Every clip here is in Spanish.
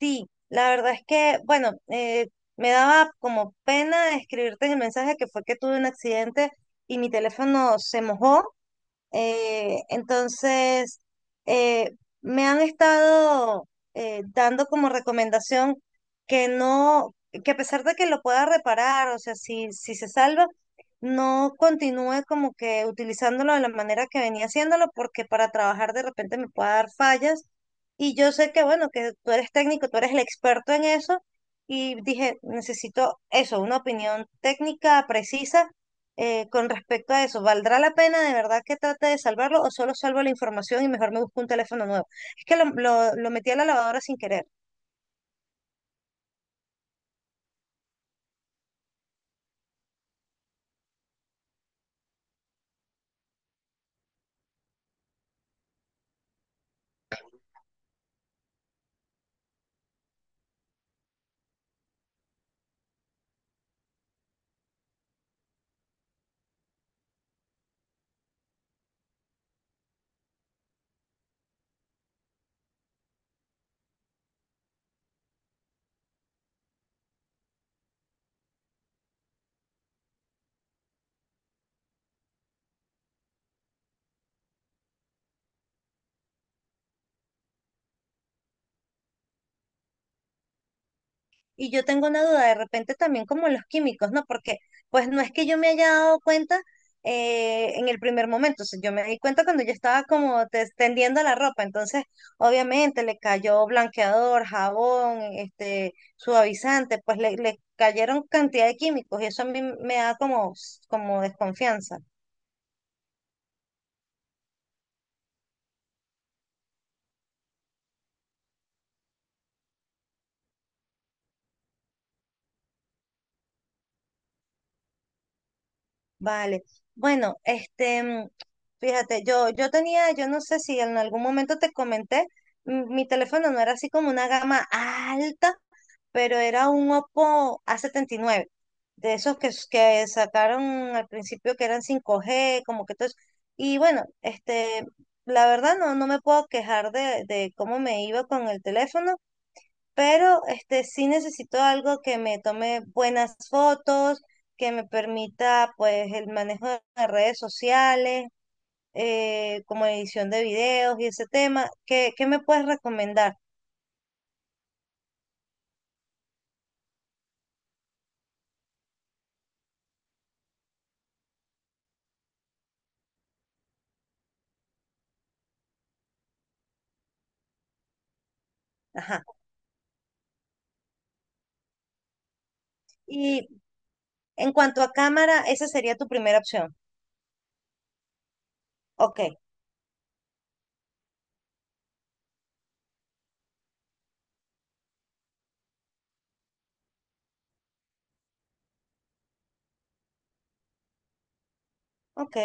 Sí, la verdad es que, bueno, me daba como pena escribirte el mensaje que fue que tuve un accidente y mi teléfono se mojó. Eh, entonces, eh, Me han estado dando como recomendación que no, que a pesar de que lo pueda reparar, o sea, si se salva, no continúe como que utilizándolo de la manera que venía haciéndolo, porque para trabajar de repente me pueda dar fallas. Y yo sé que, bueno, que tú eres técnico, tú eres el experto en eso. Y dije, necesito eso, una opinión técnica precisa con respecto a eso, ¿valdrá la pena de verdad que trate de salvarlo o solo salvo la información y mejor me busco un teléfono nuevo? Es que lo metí a la lavadora sin querer. Y yo tengo una duda de repente también como los químicos, ¿no? Porque pues no es que yo me haya dado cuenta en el primer momento, o sea, yo me di cuenta cuando yo estaba como tendiendo la ropa, entonces obviamente le cayó blanqueador, jabón, este, suavizante, pues le cayeron cantidad de químicos y eso a mí me da como, como desconfianza. Vale. Bueno, este, fíjate, yo tenía, yo no sé si en algún momento te comenté, mi teléfono no era así como una gama alta, pero era un Oppo a 79 de esos que, que sacaron al principio que eran 5G, como que todo eso. Y bueno, este, la verdad no, no me puedo quejar de cómo me iba con el teléfono, pero este sí necesito algo que me tome buenas fotos, que me permita pues el manejo de las redes sociales, como edición de videos y ese tema. ¿Qué, qué me puedes recomendar? Ajá. Y en cuanto a cámara, esa sería tu primera opción. Ok, ok,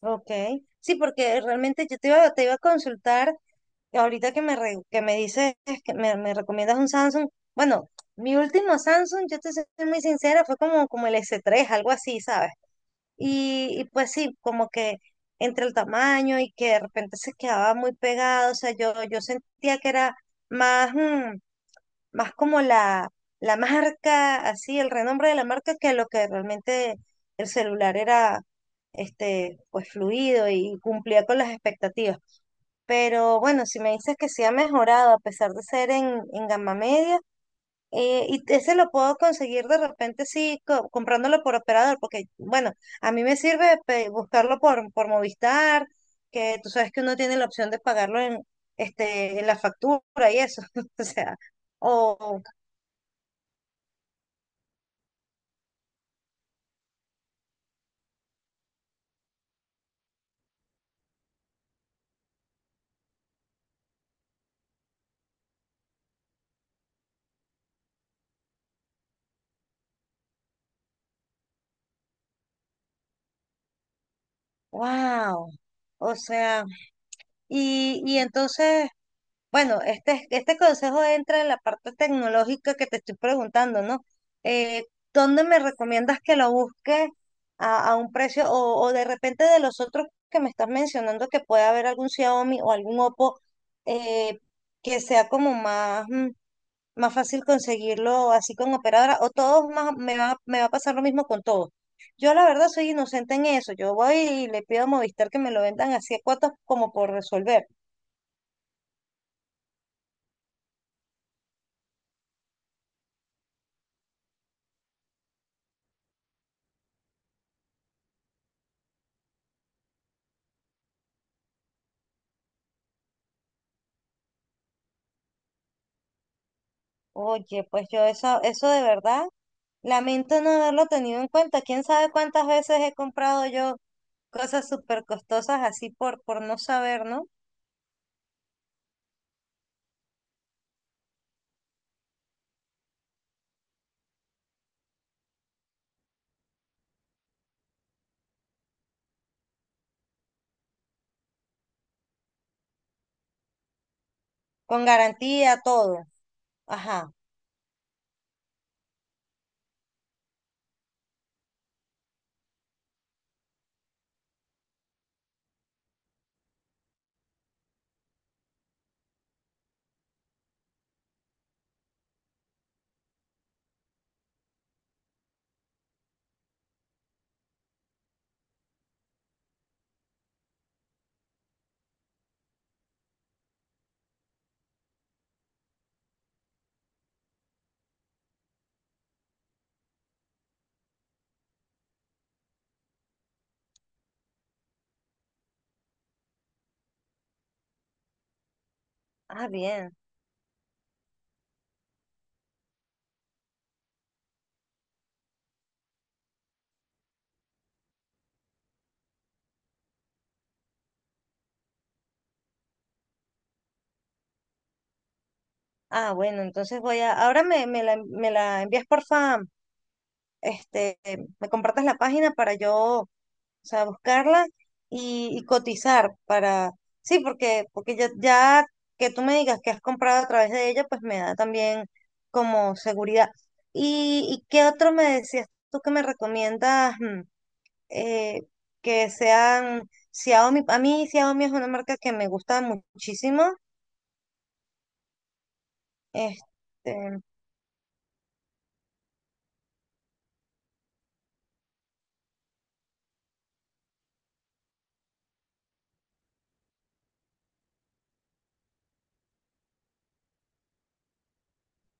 ok. Sí, porque realmente yo te iba a consultar. Ahorita que me, que me dices que me recomiendas un Samsung, bueno, mi último Samsung, yo te soy muy sincera, fue como, como el s tres algo así, ¿sabes? Y pues sí, como que entre el tamaño y que de repente se quedaba muy pegado, o sea, yo sentía que era más, más como la marca, así, el renombre de la marca, que lo que realmente el celular era, este, pues fluido y cumplía con las expectativas. Pero bueno, si me dices que sí ha mejorado a pesar de ser en gama media, y ese lo puedo conseguir de repente sí comprándolo por operador, porque bueno, a mí me sirve buscarlo por Movistar, que tú sabes que uno tiene la opción de pagarlo en, este, en la factura y eso, o sea, o wow, o sea, y entonces... Bueno, este consejo entra en la parte tecnológica que te estoy preguntando, ¿no? Eh, ¿Dónde me recomiendas que lo busque a un precio o de repente de los otros que me estás mencionando que puede haber algún Xiaomi o algún Oppo, eh, que sea como más, más fácil conseguirlo así con operadora o todos más, me va a pasar lo mismo con todos? Yo la verdad soy inocente en eso, yo voy y le pido a Movistar que me lo vendan así a cuotas como por resolver. Oye, pues yo eso, eso de verdad, lamento no haberlo tenido en cuenta. ¿Quién sabe cuántas veces he comprado yo cosas súper costosas así por no saber, ¿no? Con garantía, todo. Ajá. Ah, bien. Ah, bueno, entonces voy a, ahora me, me la envías, porfa, este, me compartas la página para yo, o sea, buscarla y cotizar para, sí, porque, porque ya, ya que tú me digas que has comprado a través de ella, pues me da también como seguridad. Y qué otro me decías tú que me recomiendas, eh, que sean Xiaomi? A mí Xiaomi es una marca que me gusta muchísimo. Este,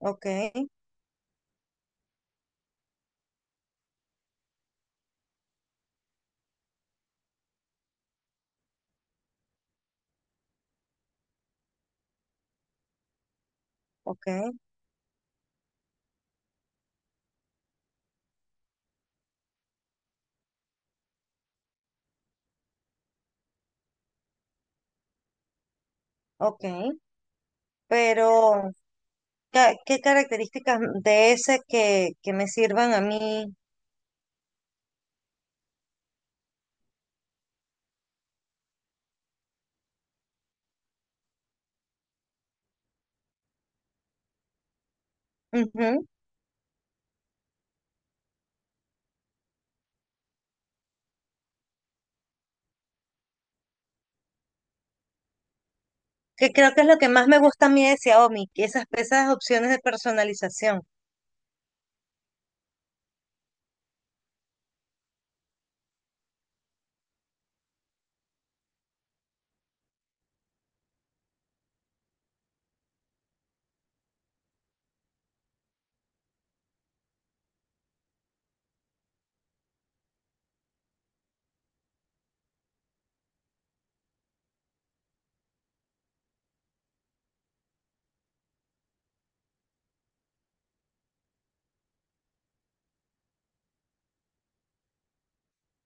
ok, ok, ok, pero... ¿Qué, qué características de ese que me sirvan a mí? Ujú. Que creo que es lo que más me gusta a mí de Xiaomi, que esas, esas opciones de personalización.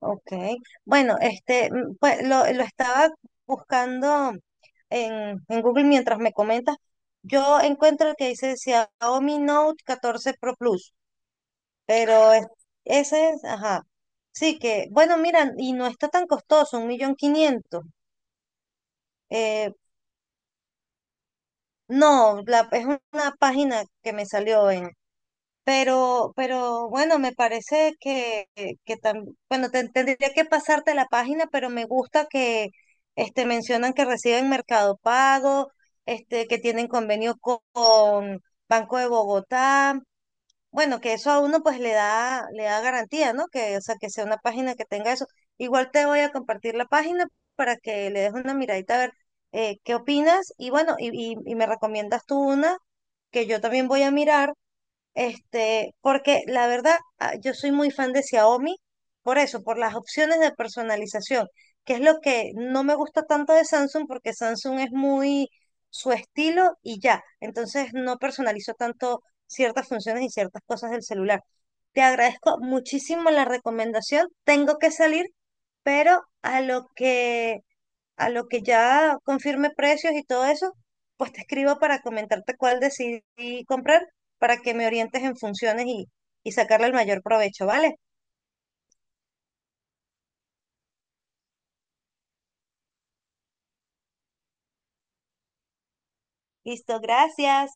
Ok. Bueno, este, pues lo estaba buscando en Google mientras me comentas. Yo encuentro el que dice Xiaomi Note 14 Pro Plus, pero ese es, ajá. Sí que, bueno, mira, y no está tan costoso, 1.500.000. Eh, no, la, es una página que me salió en, pero bueno, me parece que bueno, tendría que pasarte la página, pero me gusta que este, mencionan que reciben Mercado Pago, este, que tienen convenio con Banco de Bogotá. Bueno, que eso a uno pues le da garantía, ¿no? Que, o sea, que sea una página que tenga eso. Igual te voy a compartir la página para que le des una miradita a ver, qué opinas. Y bueno, y me recomiendas tú una que yo también voy a mirar este, porque la verdad, ah, yo soy muy fan de Xiaomi, por eso, por las opciones de personalización, que es lo que no me gusta tanto de Samsung, porque Samsung es muy su estilo y ya. Entonces no personalizo tanto ciertas funciones y ciertas cosas del celular. Te agradezco muchísimo la recomendación. Tengo que salir, pero a lo que ya confirme precios y todo eso, pues te escribo para comentarte cuál decidí comprar, para que me orientes en funciones y sacarle el mayor provecho, ¿vale? Listo, gracias.